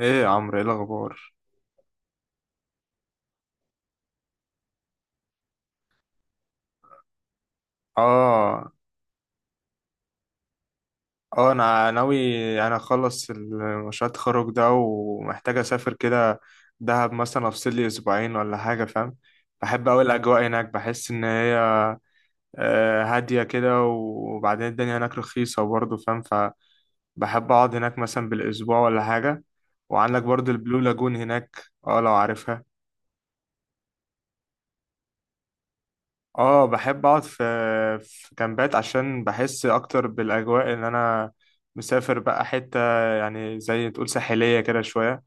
ايه يا عمرو ايه الاخبار؟ اه اه انا ناوي. انا اخلص مشروع التخرج ده ومحتاج اسافر كده، دهب مثلا، افصل لي اسبوعين ولا حاجه، فاهم. بحب اوي الاجواء هناك، بحس ان هي هاديه كده، وبعدين الدنيا هناك رخيصه برضه، فاهم. فبحب اقعد هناك مثلا بالاسبوع ولا حاجه، وعندك برضه البلو لاجون هناك. اه لو عارفها. اه بحب اقعد في في كامبات، عشان بحس اكتر بالاجواء ان انا مسافر بقى حتة، يعني زي تقول ساحلية كده شوية.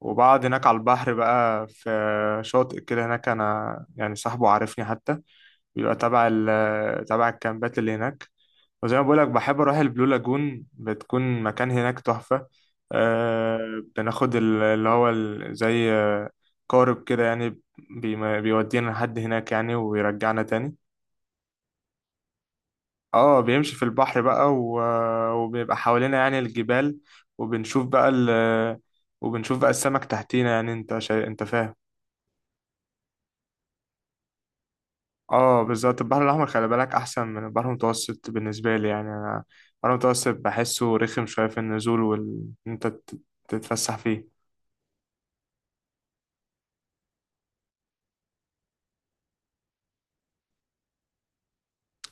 وبقعد هناك على البحر بقى في شاطئ كده، هناك انا يعني صاحبه عارفني حتى. بيبقى تبع تبع الكامبات اللي هناك. وزي ما بقولك، بحب أروح البلو لاجون، بتكون مكان هناك تحفة. أه بناخد زي قارب كده يعني، بيودينا لحد هناك يعني ويرجعنا تاني. اه بيمشي في البحر بقى وبيبقى حوالينا يعني الجبال، وبنشوف بقى ال... وبنشوف بقى السمك تحتينا، يعني انت فاهم. اه بالظبط، البحر الاحمر خلي بالك احسن من البحر المتوسط بالنسبه لي. يعني انا البحر المتوسط بحسه رخم شويه في النزول وال إن انت تتفسح فيه.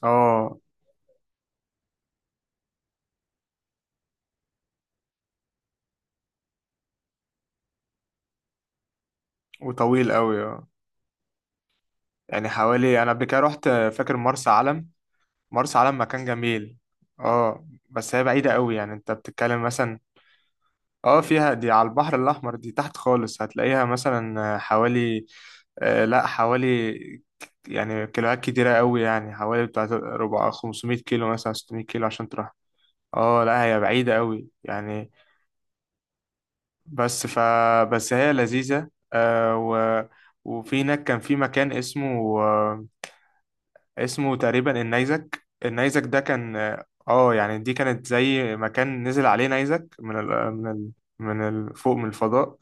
اه وطويل قوي اه. يعني حوالي انا قبل كده رحت، فاكر، مرسى علم. مرسى علم مكان جميل اه، بس هي بعيده قوي، يعني انت بتتكلم مثلا. اه فيها، دي على البحر الأحمر، دي تحت خالص، هتلاقيها مثلا حوالي، آه لا حوالي، يعني كيلوات كتيرة قوي، يعني حوالي بتاع ربع 500 كيلو مثلا، 600 كيلو عشان تروح. اه لا هي بعيدة قوي يعني. بس ف بس هي لذيذة آه. وفي هناك كان في مكان اسمه، اسمه تقريبا النيزك. النيزك ده كان اه، يعني دي كانت زي مكان نزل عليه نيزك من فوق من الفضاء،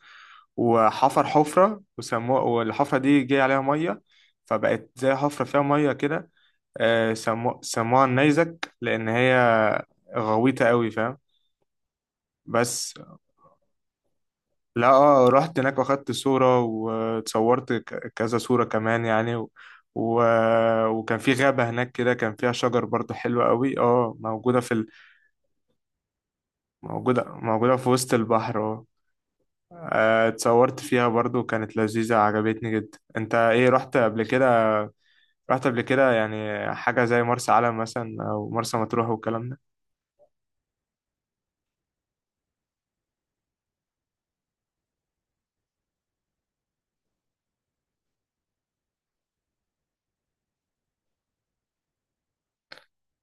وحفر حفرة وسموها، والحفرة دي جه عليها مية، فبقت زي حفرة فيها مية كده. آه، سموها النيزك لأن هي غويطة قوي، فاهم. بس لا اه، رحت هناك واخدت صورة واتصورت كذا صورة كمان يعني و... وكان في غابة هناك كده، كان فيها شجر برضو حلوة قوي اه، موجودة موجودة في وسط البحر اه. آه، اتصورت فيها برضو، كانت لذيذة عجبتني جدا. انت ايه، رحت قبل كده؟ رحت قبل كده يعني حاجة زي مرسى علم مثلا او مرسى مطروح والكلام ده.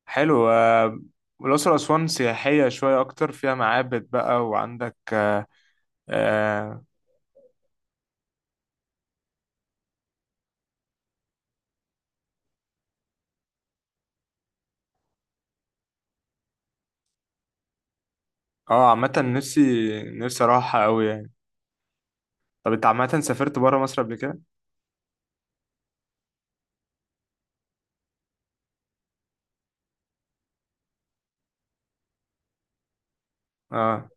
حلو آه، الأقصر وأسوان سياحية شوية أكتر، فيها معابد بقى، وعندك آه، آه، اه عامة نفسي، نفسي اروحها قوي يعني. طب انت عامة سافرت برا مصر قبل كده؟ اه.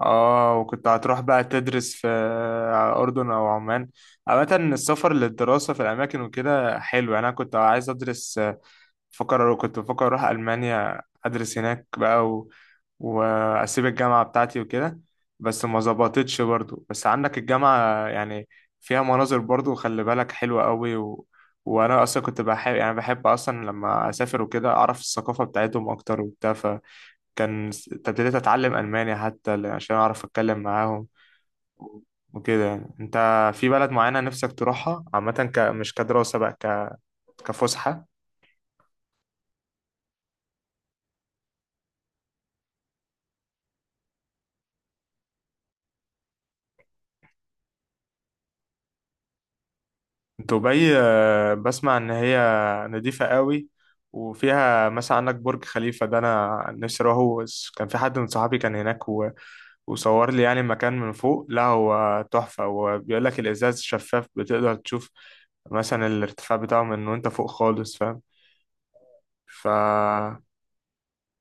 اه وكنت هتروح بقى تدرس في اردن او عمان. عامة السفر للدراسة في الاماكن وكده حلو، يعني انا كنت عايز ادرس، بفكر، كنت بفكر اروح المانيا ادرس هناك بقى، و... واسيب الجامعه بتاعتي وكده، بس ما ظبطتش برضو. بس عندك الجامعه يعني فيها مناظر برضو خلي بالك حلوه قوي. و... وانا اصلا كنت بحب، يعني بحب اصلا لما اسافر وكده اعرف الثقافه بتاعتهم اكتر وبتاع. فكان ابتديت اتعلم الماني حتى عشان اعرف اتكلم معاهم وكده. يعني انت في بلد معينه نفسك تروحها عامه مش كدراسه بقى، كفسحه. دبي آه، بسمع ان هي نظيفة قوي، وفيها مثلا عندك برج خليفة. ده انا نفسي اروحه، بس كان في حد من صحابي كان هناك و- وصور لي يعني المكان من فوق، لا هو تحفة. وبيقول لك الازاز شفاف بتقدر تشوف مثلا الارتفاع بتاعه من وانت فوق خالص، فاهم. ف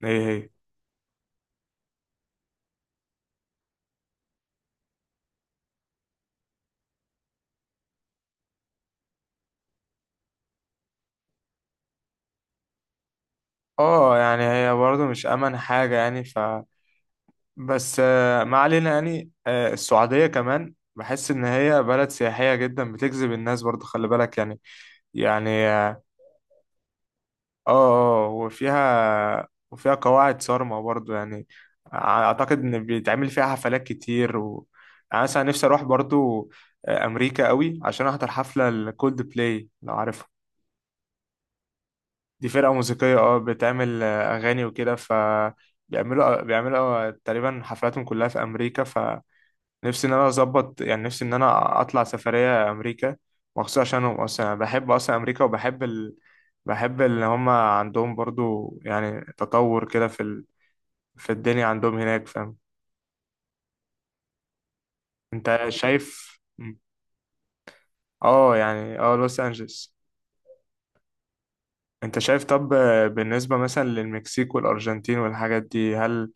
ايه هي؟ اه يعني هي برضه مش امن حاجة يعني. بس آه، ما علينا يعني. آه، السعودية كمان بحس إن هي بلد سياحية جدا بتجذب الناس برضو، خلي بالك يعني، يعني اه. اه آه، وفيها، وفيها قواعد صارمة برضو يعني. أعتقد إن بيتعمل فيها حفلات كتير و، يعني مثلا نفسي أروح برضو آه، أمريكا قوي، عشان أحضر حفلة الكولد بلاي لو عارفها. دي فرقة موسيقية اه، بتعمل آه، أغاني وكده. ف بيعملوا تقريبا حفلاتهم كلها في أمريكا. ف نفسي ان انا اظبط، يعني نفسي ان انا اطلع سفريه امريكا مخصوص عشانهم. اصلا انا بحب اصلا امريكا، وبحب ال، بحب ان هم عندهم برضو يعني تطور كده في ال، في الدنيا عندهم هناك، فاهم. انت شايف؟ اه يعني اه لوس انجلس. انت شايف طب آه، بالنسبه مثلا للمكسيك والارجنتين والحاجات دي، هل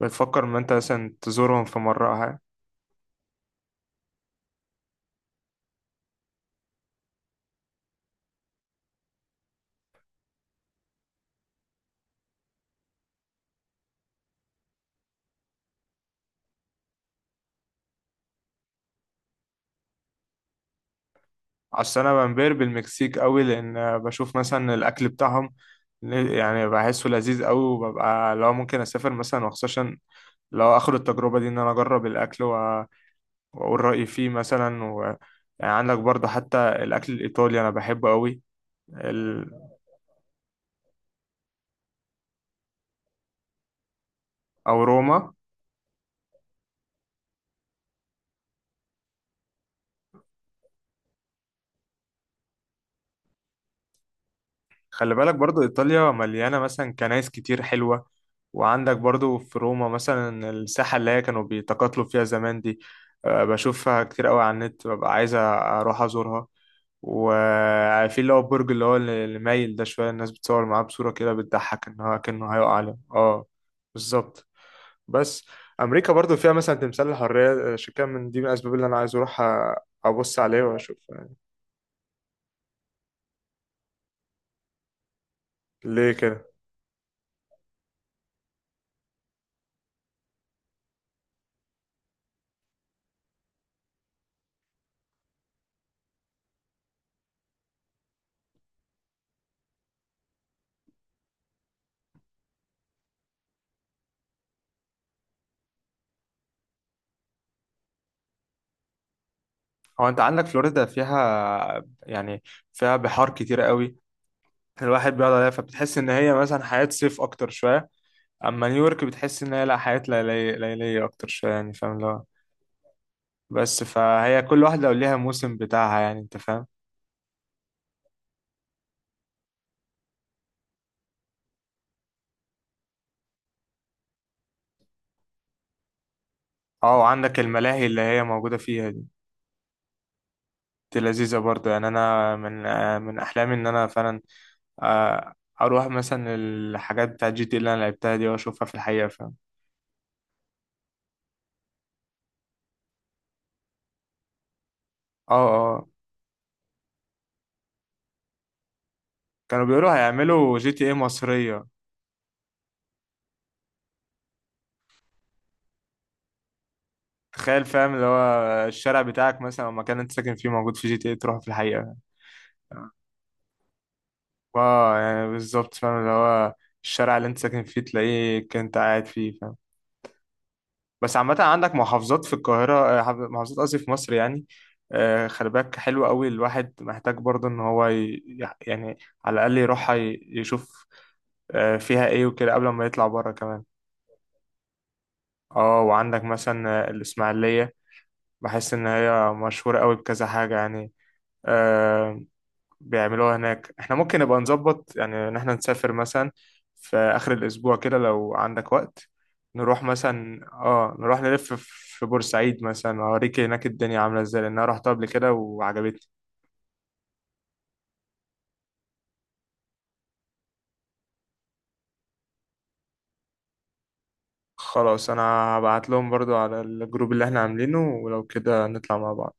بتفكر ان انت مثلا تزورهم في مره أو حاجة؟ عشان انا بنبهر بالمكسيك قوي، لان بشوف مثلا الاكل بتاعهم، يعني بحسه لذيذ قوي. وببقى لو ممكن اسافر مثلا، وخصوصا لو اخد التجربه دي ان انا اجرب الاكل واقول رايي فيه مثلا. و... يعني عندك برضه حتى الاكل الايطالي انا بحبه قوي، ال، او روما. خلي بالك برضو إيطاليا مليانة مثلا كنايس كتير حلوة. وعندك برضو في روما مثلا الساحة اللي هي كانوا بيتقاتلوا فيها زمان دي، آه، بشوفها كتير قوي على النت، ببقى عايز أروح أزورها. وفي اللي هو البرج اللي هو اللي مايل ده شوية، الناس بتصور معاه بصورة كده بتضحك إن هو كأنه هيقع عليه اه. بالظبط. بس أمريكا برضو فيها مثلا تمثال الحرية، آه، عشان كده من دي من الأسباب اللي أنا عايز أروح أبص عليه وأشوف يعني. ليه كده؟ هو انت عندك فلوريدا فيها يعني، فيها بحار كتير قوي، الواحد بيقعد عليها، فبتحس ان هي مثلا حياة صيف اكتر شوية. اما نيويورك بتحس ان هي لا، حياة ليلية، ليلية اكتر شوية يعني، فاهم اللي هو. بس فهي كل واحدة ليها موسم بتاعها، يعني انت فاهم. اه وعندك الملاهي اللي هي موجودة فيها دي، دي لذيذة برضه يعني. انا من آه، من احلامي ان انا فعلا آه، اروح مثلا الحاجات بتاع جي تي إيه اللي انا لعبتها دي، واشوفها في الحقيقة، فاهم. اه. اه كانوا بيقولوا هيعملوا جي تي ايه مصرية. تخيل، فاهم اللي هو، الشارع بتاعك مثلا او المكان اللي انت ساكن فيه موجود في جي تي اي، تروح في الحقيقة. اه يعني بالظبط، فاهم اللي هو، الشارع اللي انت ساكن فيه تلاقيه كنت قاعد فيه، فاهم. بس عامة عندك محافظات في القاهرة، آه، محافظات قصدي في مصر يعني. آه، خلي بالك حلو قوي، الواحد محتاج برضه ان هو يعني على الاقل يروح يشوف آه، فيها ايه وكده قبل ما يطلع بره كمان. اه وعندك مثلا آه، الاسماعيلية، بحس ان هي مشهورة قوي بكذا حاجة يعني، آه، بيعملوها هناك. احنا ممكن نبقى نظبط يعني ان احنا نسافر مثلا في اخر الاسبوع كده لو عندك وقت، نروح مثلا اه، نروح نلف في بورسعيد مثلا، اوريك هناك الدنيا عامله ازاي، لان انا رحت قبل كده وعجبتني. خلاص انا هبعت لهم برضو على الجروب اللي احنا عاملينه، ولو كده نطلع مع بعض.